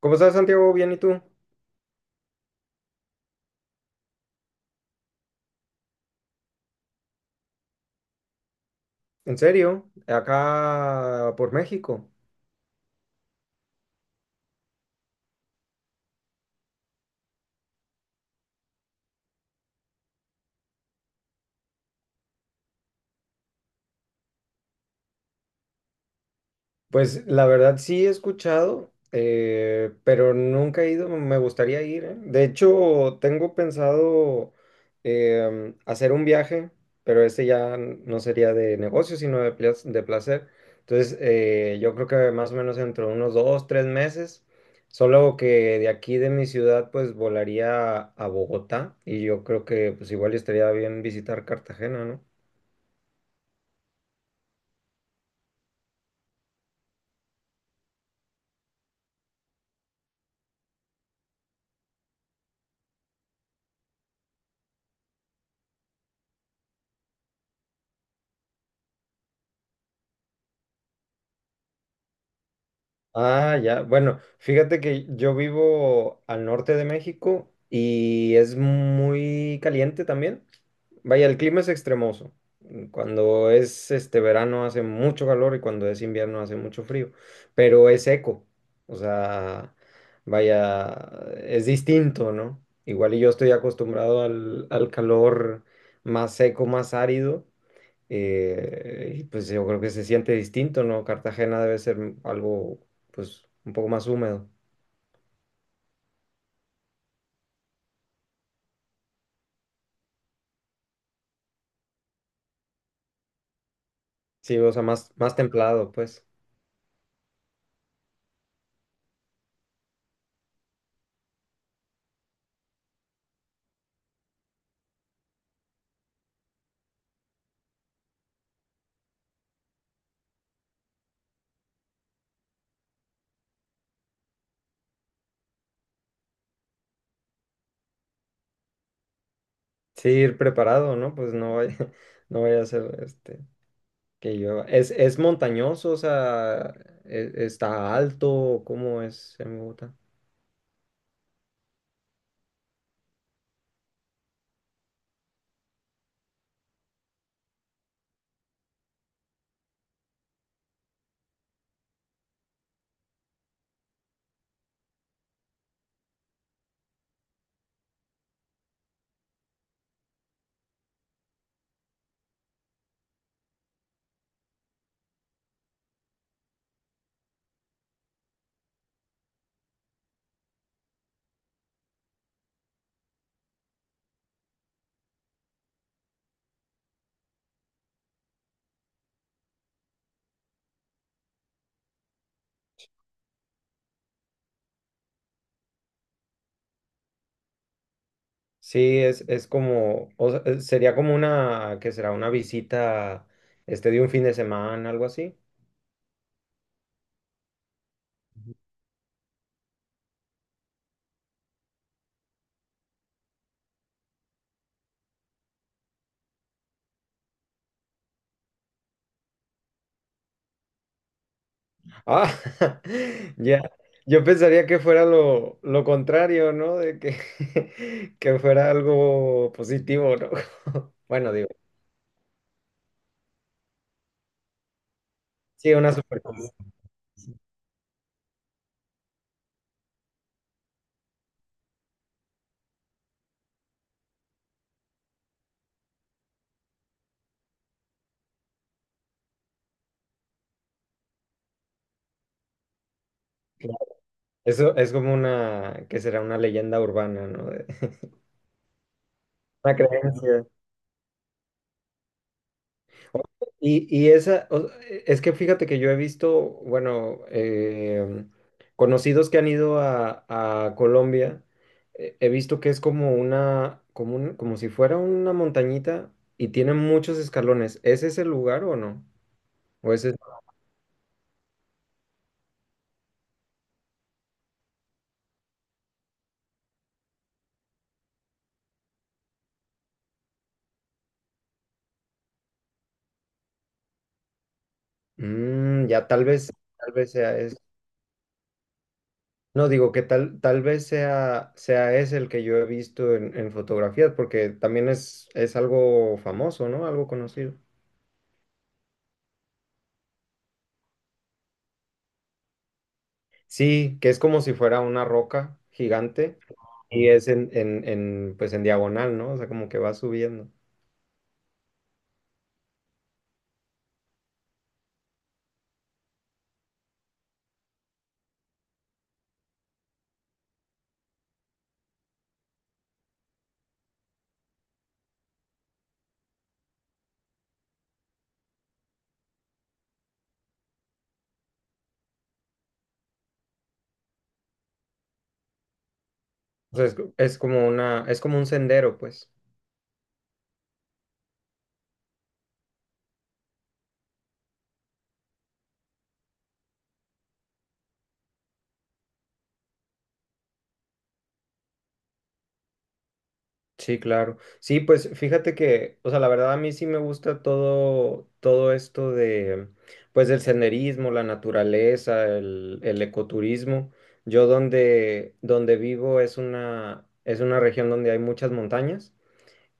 ¿Cómo estás, Santiago? Bien, ¿y tú? ¿En serio? Acá por México. Pues la verdad sí he escuchado, pero nunca he ido, me gustaría ir, ¿eh? De hecho, tengo pensado hacer un viaje, pero este ya no sería de negocio, sino de, de placer. Entonces, yo creo que más o menos dentro de unos dos, tres meses, solo que de aquí de mi ciudad, pues volaría a Bogotá y yo creo que pues igual estaría bien visitar Cartagena, ¿no? Ah, ya. Bueno, fíjate que yo vivo al norte de México y es muy caliente también. Vaya, el clima es extremoso. Cuando es este verano hace mucho calor y cuando es invierno hace mucho frío, pero es seco. O sea, vaya, es distinto, ¿no? Igual y yo estoy acostumbrado al calor más seco, más árido. Y pues yo creo que se siente distinto, ¿no? Cartagena debe ser algo, pues, un poco más húmedo. Sí, o sea, más templado, pues. Sí, ir preparado, ¿no? Pues no vaya, no vaya a ser este, que yo es montañoso? O sea, ¿está alto? ¿Cómo es en Bogotá? Sí, es como, o sea, sería como una, que será una visita, este, de un fin de semana, algo así. Ah, ya. Yo pensaría que fuera lo contrario, ¿no? De que, que fuera algo positivo, ¿no? Bueno, digo, sí, una super. Eso es como una, que será una leyenda urbana, ¿no? De- una creencia. Y esa, o- es que fíjate que yo he visto, bueno, conocidos que han ido a Colombia, he visto que es como una, como como si fuera una montañita y tiene muchos escalones. ¿Es ese el lugar o no? ¿O es ese- Mm, ya tal vez sea ese. No, digo que tal vez sea, sea ese el que yo he visto en fotografías, porque también es algo famoso, ¿no? Algo conocido. Sí, que es como si fuera una roca gigante y es en, pues en diagonal, ¿no? O sea, como que va subiendo. O sea, es como una, es como un sendero, pues. Sí, claro. Sí, pues fíjate que, o sea, la verdad a mí sí me gusta todo esto de, pues del senderismo, la naturaleza, el ecoturismo. Yo donde vivo es una región donde hay muchas montañas.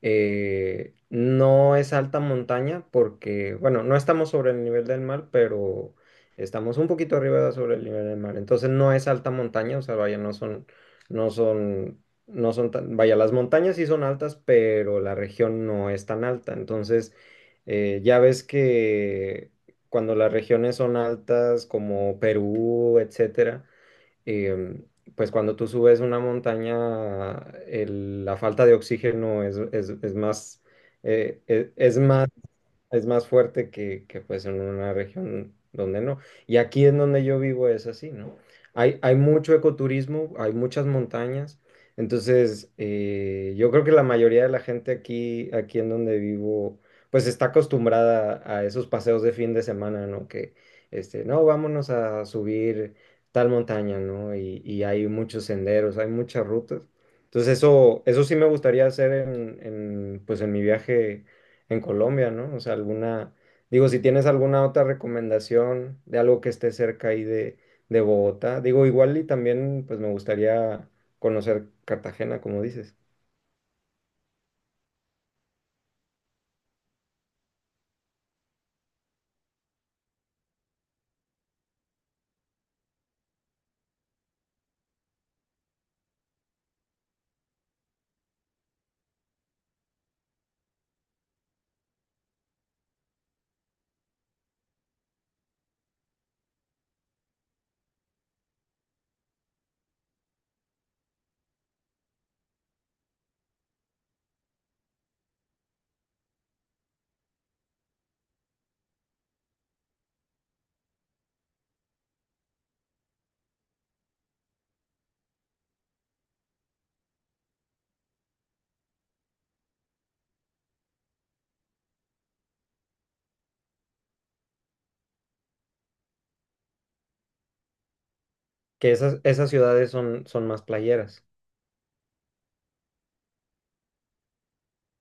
No es alta montaña porque, bueno, no estamos sobre el nivel del mar, pero estamos un poquito arriba de sobre el nivel del mar. Entonces no es alta montaña, o sea, vaya, no son, no son tan, vaya, las montañas sí son altas, pero la región no es tan alta. Entonces, ya ves que cuando las regiones son altas, como Perú, etcétera, eh, pues cuando tú subes una montaña, la falta de oxígeno es, es más, es más es más fuerte que, pues en una región donde no. Y aquí en donde yo vivo es así, ¿no? Hay mucho ecoturismo, hay muchas montañas, entonces yo creo que la mayoría de la gente aquí en donde vivo, pues está acostumbrada a esos paseos de fin de semana, ¿no? Que, este, no, vámonos a subir tal montaña, ¿no? Y hay muchos senderos, hay muchas rutas. Entonces eso sí me gustaría hacer pues en mi viaje en Colombia, ¿no? O sea, alguna, digo, si tienes alguna otra recomendación de algo que esté cerca ahí de Bogotá, digo, igual y también, pues me gustaría conocer Cartagena, como dices, que esas, esas ciudades son, son más playeras.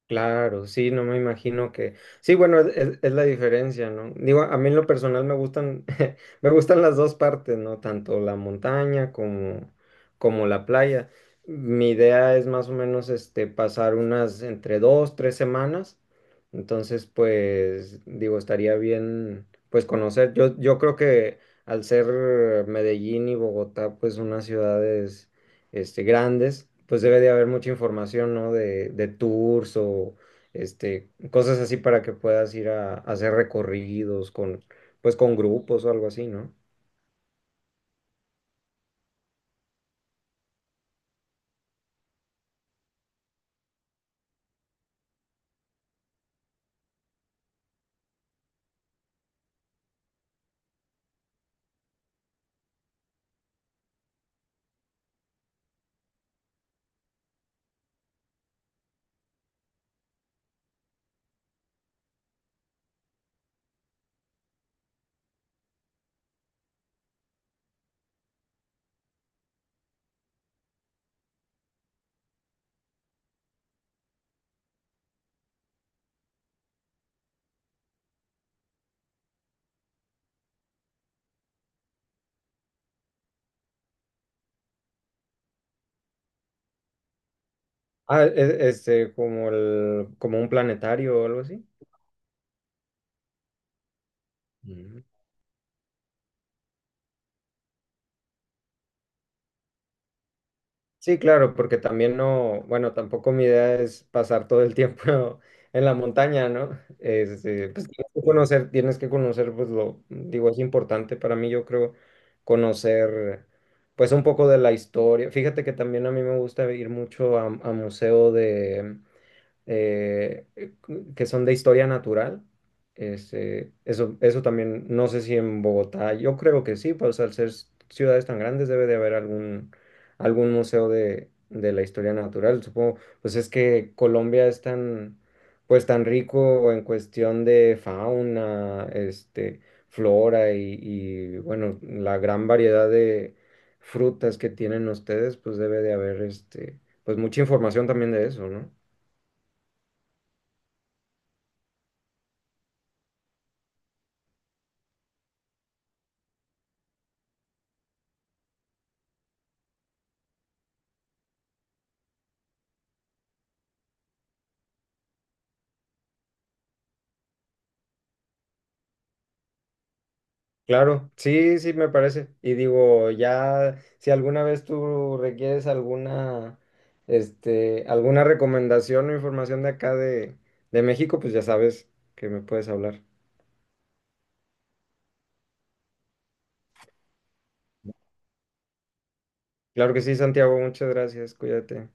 Claro, sí, no me imagino que. Sí, bueno, es, es la diferencia, ¿no? Digo, a mí en lo personal me gustan, me gustan las dos partes, ¿no? Tanto la montaña como, como la playa. Mi idea es más o menos este, pasar unas entre dos, tres semanas. Entonces, pues, digo, estaría bien, pues, conocer. Yo creo que al ser Medellín y Bogotá, pues, unas ciudades este, grandes, pues debe de haber mucha información, ¿no? De tours o este, cosas así para que puedas ir a hacer recorridos con, pues con grupos o algo así, ¿no? Ah, este, como el, como un planetario o algo así. Sí, claro, porque también no, bueno, tampoco mi idea es pasar todo el tiempo en la montaña, ¿no? Este, pues tienes que conocer, pues lo, digo, es importante para mí, yo creo, conocer, pues un poco de la historia. Fíjate que también a mí me gusta ir mucho a museo eh, que son de historia natural. Este, eso también, no sé si en Bogotá, yo creo que sí, pues al ser ciudades tan grandes debe de haber algún, algún museo de la historia natural. Supongo, pues es que Colombia es tan, pues tan rico en cuestión de fauna, este, flora y bueno, la gran variedad de frutas que tienen ustedes, pues debe de haber este, pues mucha información también de eso, ¿no? Claro, sí, sí, me parece. Y digo, ya, si alguna vez tú requieres alguna, este, alguna recomendación o información de acá de México, pues ya sabes que me puedes hablar. Claro que sí, Santiago, muchas gracias, cuídate.